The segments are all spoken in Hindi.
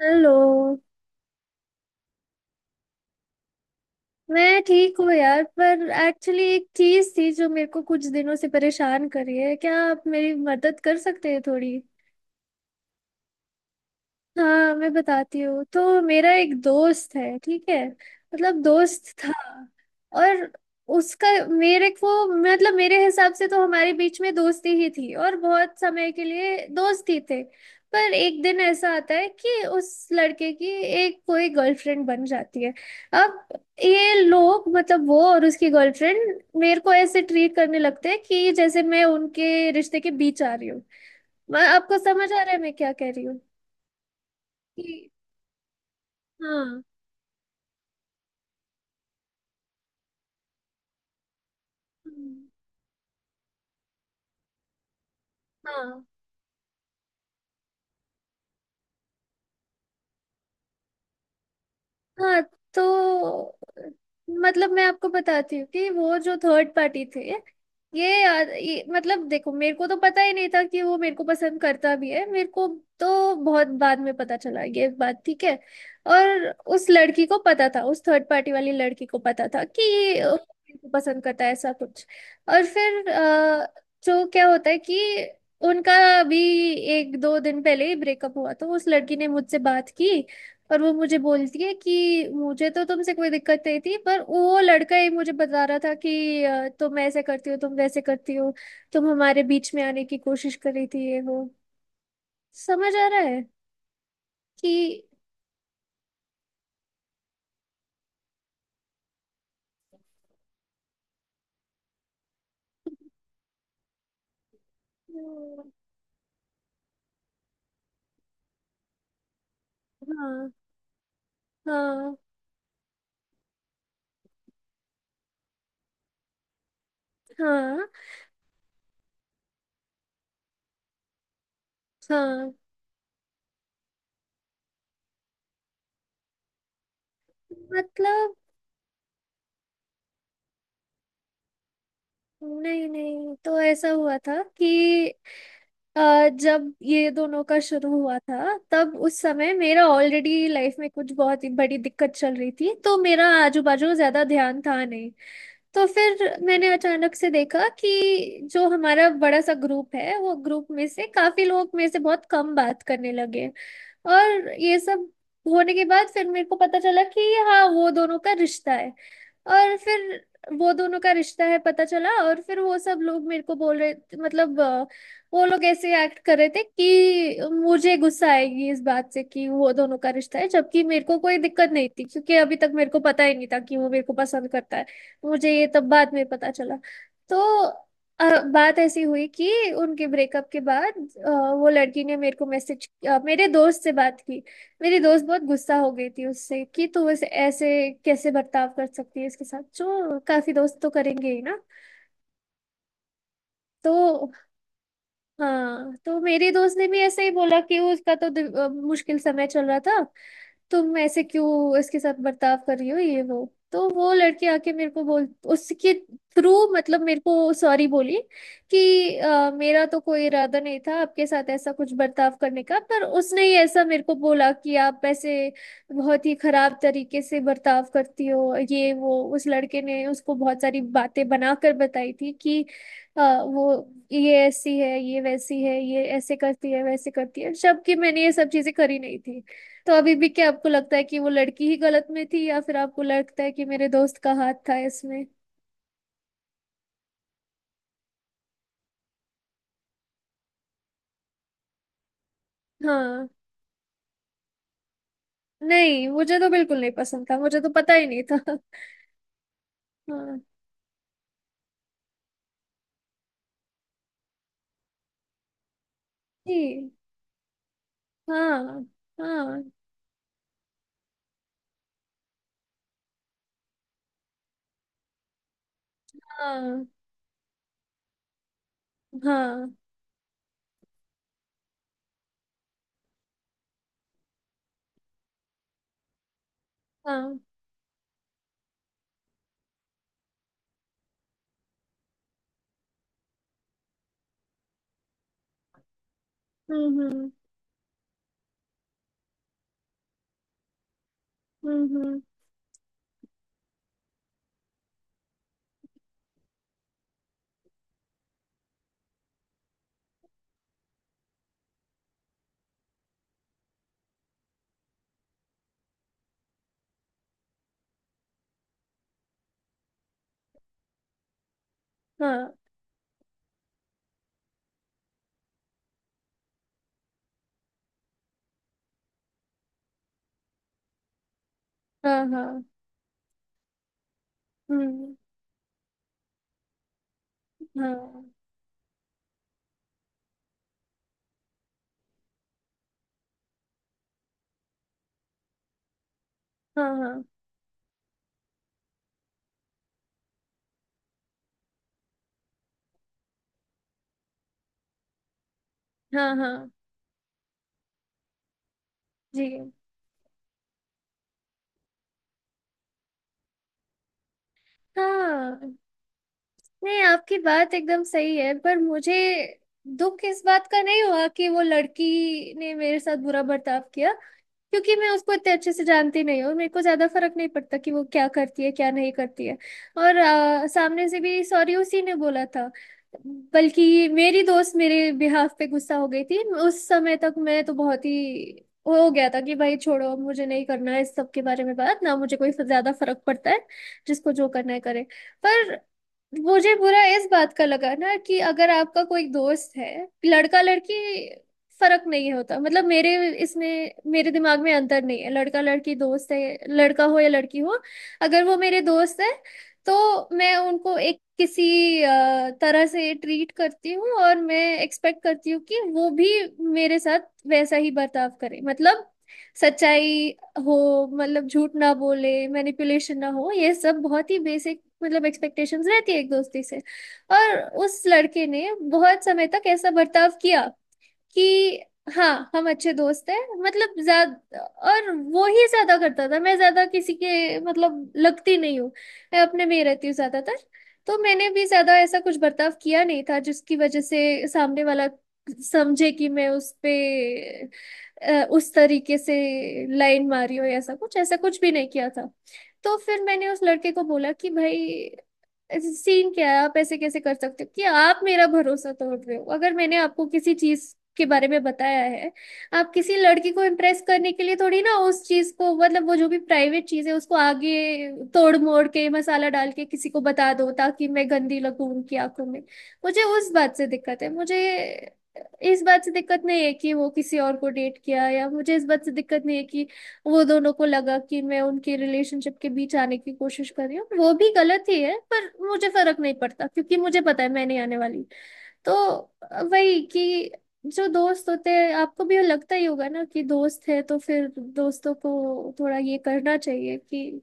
हेलो। मैं ठीक हूँ यार, पर एक्चुअली एक चीज थी जो मेरे को कुछ दिनों से परेशान कर रही है। क्या आप मेरी मदद कर सकते हैं थोड़ी? हाँ, मैं बताती हूँ। तो मेरा एक दोस्त है, ठीक है, मतलब दोस्त था। और उसका मेरे को, मतलब मेरे हिसाब से तो हमारे बीच में दोस्ती ही थी, और बहुत समय के लिए दोस्त ही थे। पर एक दिन ऐसा आता है कि उस लड़के की एक कोई गर्लफ्रेंड बन जाती है। अब ये लोग, मतलब वो और उसकी गर्लफ्रेंड, मेरे को ऐसे ट्रीट करने लगते हैं कि जैसे मैं उनके रिश्ते के बीच आ रही हूँ। आपको समझ आ रहा है मैं क्या कह रही हूँ कि? हाँ, हम्म, हाँ हाँ। तो मतलब मैं आपको बताती हूँ कि वो जो थर्ड पार्टी थे, ये मतलब देखो, मेरे को तो पता ही नहीं था कि वो मेरे को पसंद करता भी है। मेरे को तो बहुत बाद में पता चला ये बात, ठीक है। और उस लड़की को पता था, उस थर्ड पार्टी वाली लड़की को पता था कि ये मेरे को पसंद करता है, ऐसा कुछ। और फिर जो क्या होता है कि उनका भी एक दो दिन पहले ही ब्रेकअप हुआ, तो उस लड़की ने मुझसे बात की। और वो मुझे बोलती है कि मुझे तो तुमसे कोई दिक्कत नहीं थी, पर वो लड़का ही मुझे बता रहा था कि तुम ऐसे करती हो, तुम वैसे करती हो, तुम हमारे बीच में आने की कोशिश कर रही थी, ये वो। समझ आ रहा है कि? हाँ हाँ हाँ हाँ। मतलब नहीं नहीं, तो ऐसा हुआ था कि जब ये दोनों का शुरू हुआ था, तब उस समय मेरा ऑलरेडी लाइफ में कुछ बहुत ही बड़ी दिक्कत चल रही थी, तो मेरा आजू बाजू ज्यादा ध्यान था नहीं। तो फिर मैंने अचानक से देखा कि जो हमारा बड़ा सा ग्रुप है, वो ग्रुप में से काफी लोग मेरे से बहुत कम बात करने लगे। और ये सब होने के बाद फिर मेरे को पता चला कि हाँ, वो दोनों का रिश्ता है। और फिर वो दोनों का रिश्ता है पता चला, और फिर वो सब लोग मेरे को बोल रहे, मतलब वो लोग ऐसे एक्ट कर रहे थे कि मुझे गुस्सा आएगी इस बात से कि वो दोनों का रिश्ता है, जबकि मेरे को कोई दिक्कत नहीं थी, क्योंकि अभी तक मेरे को पता ही नहीं था कि वो मेरे को पसंद करता है। मुझे ये तब बाद में पता चला। तो बात ऐसी हुई कि उनके ब्रेकअप के बाद अ, वो लड़की ने मेरे को मैसेज, मेरे दोस्त से बात की। मेरी दोस्त बहुत गुस्सा हो गई थी उससे कि तू इस ऐसे कैसे बर्ताव कर सकती है इसके साथ, जो काफी दोस्त तो करेंगे ही ना। तो हाँ, तो मेरी दोस्त ने भी ऐसे ही बोला कि उसका तो मुश्किल समय चल रहा था, तुम ऐसे क्यों इसके साथ बर्ताव कर रही हो, ये वो। तो वो लड़की आके मेरे को बोल, उसके थ्रू, मतलब मेरे को सॉरी बोली कि मेरा तो कोई इरादा नहीं था आपके साथ ऐसा कुछ बर्ताव करने का, पर उसने ही ऐसा मेरे को बोला कि आप ऐसे बहुत ही खराब तरीके से बर्ताव करती हो, ये वो। उस लड़के ने उसको बहुत सारी बातें बनाकर बताई थी कि वो ये ऐसी है, ये वैसी है, ये ऐसे करती है, वैसे करती है, जबकि मैंने ये सब चीजें करी नहीं थी। तो अभी भी क्या आपको लगता है कि वो लड़की ही गलत में थी, या फिर आपको लगता है कि मेरे दोस्त का हाथ था इसमें? हाँ नहीं, मुझे तो बिल्कुल नहीं पसंद था, मुझे तो पता ही नहीं था। हाँ। जी। हाँ हाँ हाँ। हाँ हाँ। हम्म। हम्म हम्म, हाँ हाँ हाँ। हम्म। हाँ हाँ हाँ हाँ। हाँ जी। हाँ नहीं, आपकी बात एकदम सही है, पर मुझे दुख इस बात का नहीं हुआ कि वो लड़की ने मेरे साथ बुरा बर्ताव किया, क्योंकि मैं उसको इतने अच्छे से जानती नहीं हूँ, मेरे को ज्यादा फर्क नहीं पड़ता कि वो क्या करती है क्या नहीं करती है। और सामने से भी सॉरी उसी ने बोला था। बल्कि मेरी दोस्त मेरे बिहाफ पे गुस्सा हो गई थी। उस समय तक मैं तो बहुत ही हो गया था कि भाई छोड़ो, अब मुझे नहीं करना है इस सब के बारे में बात, ना मुझे कोई ज्यादा फर्क पड़ता है। जिसको जो करना है करे। पर मुझे बुरा इस बात का लगा ना कि अगर आपका कोई दोस्त है, लड़का लड़की फर्क नहीं होता, मतलब मेरे, इसमें मेरे दिमाग में अंतर नहीं है, लड़का लड़की दोस्त है, लड़का हो या लड़की हो, अगर वो मेरे दोस्त है, तो मैं उनको एक किसी तरह से ट्रीट करती हूँ, और मैं एक्सपेक्ट करती हूँ कि वो भी मेरे साथ वैसा ही बर्ताव करे, मतलब सच्चाई हो, मतलब झूठ ना बोले, मैनिपुलेशन ना हो, ये सब बहुत ही बेसिक मतलब एक्सपेक्टेशंस रहती है एक दोस्ती से। और उस लड़के ने बहुत समय तक ऐसा बर्ताव किया कि हाँ हम अच्छे दोस्त हैं, मतलब ज्यादा, और वो ही ज्यादा करता था, मैं ज्यादा किसी के मतलब लगती नहीं हूँ, मैं अपने में ही रहती हूँ ज्यादातर। तो मैंने भी ज्यादा ऐसा कुछ बर्ताव किया नहीं था जिसकी वजह से सामने वाला समझे कि मैं उस पे उस तरीके से लाइन मारी हो, या ऐसा कुछ, ऐसा कुछ भी नहीं किया था। तो फिर मैंने उस लड़के को बोला कि भाई ऐसे सीन क्या है, आप ऐसे कैसे कर सकते हो कि आप मेरा भरोसा तोड़ रहे हो? अगर मैंने आपको किसी चीज के बारे में बताया है, आप किसी लड़की को इम्प्रेस करने के लिए थोड़ी ना उस चीज को, मतलब वो जो भी प्राइवेट चीज है, उसको आगे तोड़ मोड़ के मसाला डाल के किसी को बता दो ताकि मैं गंदी लगूं उनकी आंखों में। मुझे उस बात से दिक्कत है। मुझे इस बात से दिक्कत नहीं है कि वो किसी और को डेट किया, या मुझे इस बात से दिक्कत नहीं है कि वो दोनों को लगा कि मैं उनके रिलेशनशिप के बीच आने की कोशिश कर रही हूँ, वो भी गलत ही है, पर मुझे फर्क नहीं पड़ता क्योंकि मुझे पता है मैं नहीं आने वाली। तो वही कि जो दोस्त होते हैं, आपको भी लगता ही होगा ना कि दोस्त है तो फिर दोस्तों को थोड़ा ये करना चाहिए कि...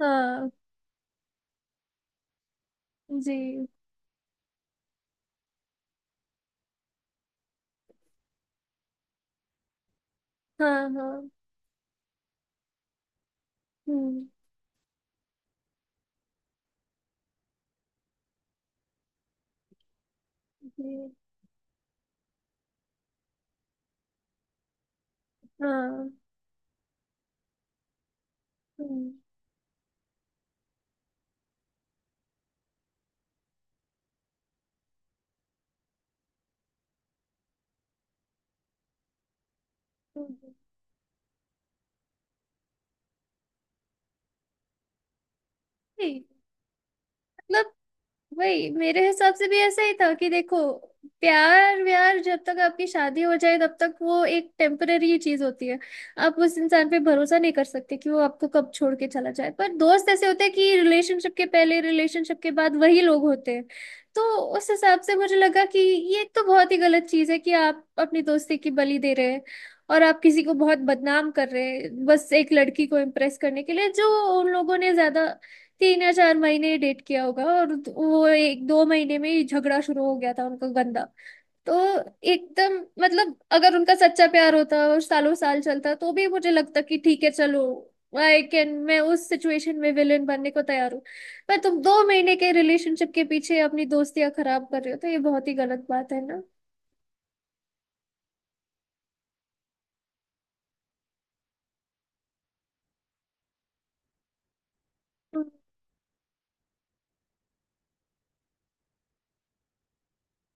हाँ जी हाँ हाँ। हम्म। जी हाँ। हम्म हम्म। जी, मतलब वही मेरे हिसाब से भी ऐसा ही था कि देखो, प्यार व्यार जब तक आपकी शादी हो जाए तब तक वो एक टेम्पररी चीज होती है। आप उस इंसान पे भरोसा नहीं कर सकते कि वो आपको कब छोड़ के चला जाए, पर दोस्त ऐसे होते हैं कि रिलेशनशिप के पहले, रिलेशनशिप के बाद वही लोग होते हैं। तो उस हिसाब से मुझे लगा कि ये एक तो बहुत ही गलत चीज है कि आप अपनी दोस्ती की बलि दे रहे हैं, और आप किसी को बहुत बदनाम कर रहे हैं बस एक लड़की को इम्प्रेस करने के लिए, जो उन लोगों ने ज्यादा 3 या 4 महीने डेट किया होगा, और वो एक दो महीने में ही झगड़ा शुरू हो गया था उनका गंदा। तो एकदम मतलब अगर उनका सच्चा प्यार होता और सालों साल चलता तो भी मुझे लगता कि ठीक है चलो, आई कैन, मैं उस सिचुएशन में विलेन बनने को तैयार हूँ। पर तुम 2 महीने के रिलेशनशिप के पीछे अपनी दोस्तियां खराब कर रहे हो, तो ये बहुत ही गलत बात है ना।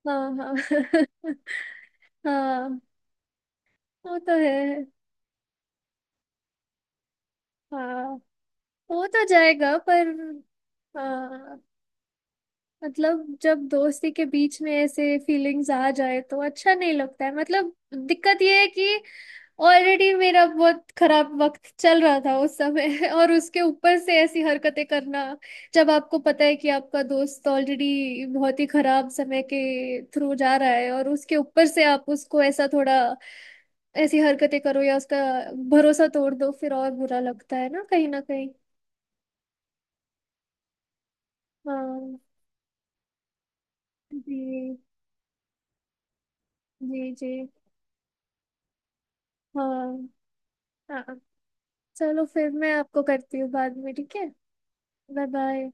हाँ हाँ हाँ, वो तो है। हाँ, हो तो जाएगा, पर हाँ, मतलब जब दोस्ती के बीच में ऐसे फीलिंग्स आ जाए तो अच्छा नहीं लगता है, मतलब दिक्कत ये है कि ऑलरेडी मेरा बहुत खराब वक्त चल रहा था उस समय और उसके ऊपर से ऐसी हरकतें करना। जब आपको पता है कि आपका दोस्त ऑलरेडी बहुत ही खराब समय के थ्रू जा रहा है और उसके ऊपर से आप उसको ऐसा थोड़ा ऐसी हरकतें करो या उसका भरोसा तोड़ दो, फिर और बुरा लगता है ना कहीं ना कहीं। हाँ जी जी जी। हाँ हाँ, चलो फिर मैं आपको करती हूँ बाद में, ठीक है। Bye bye.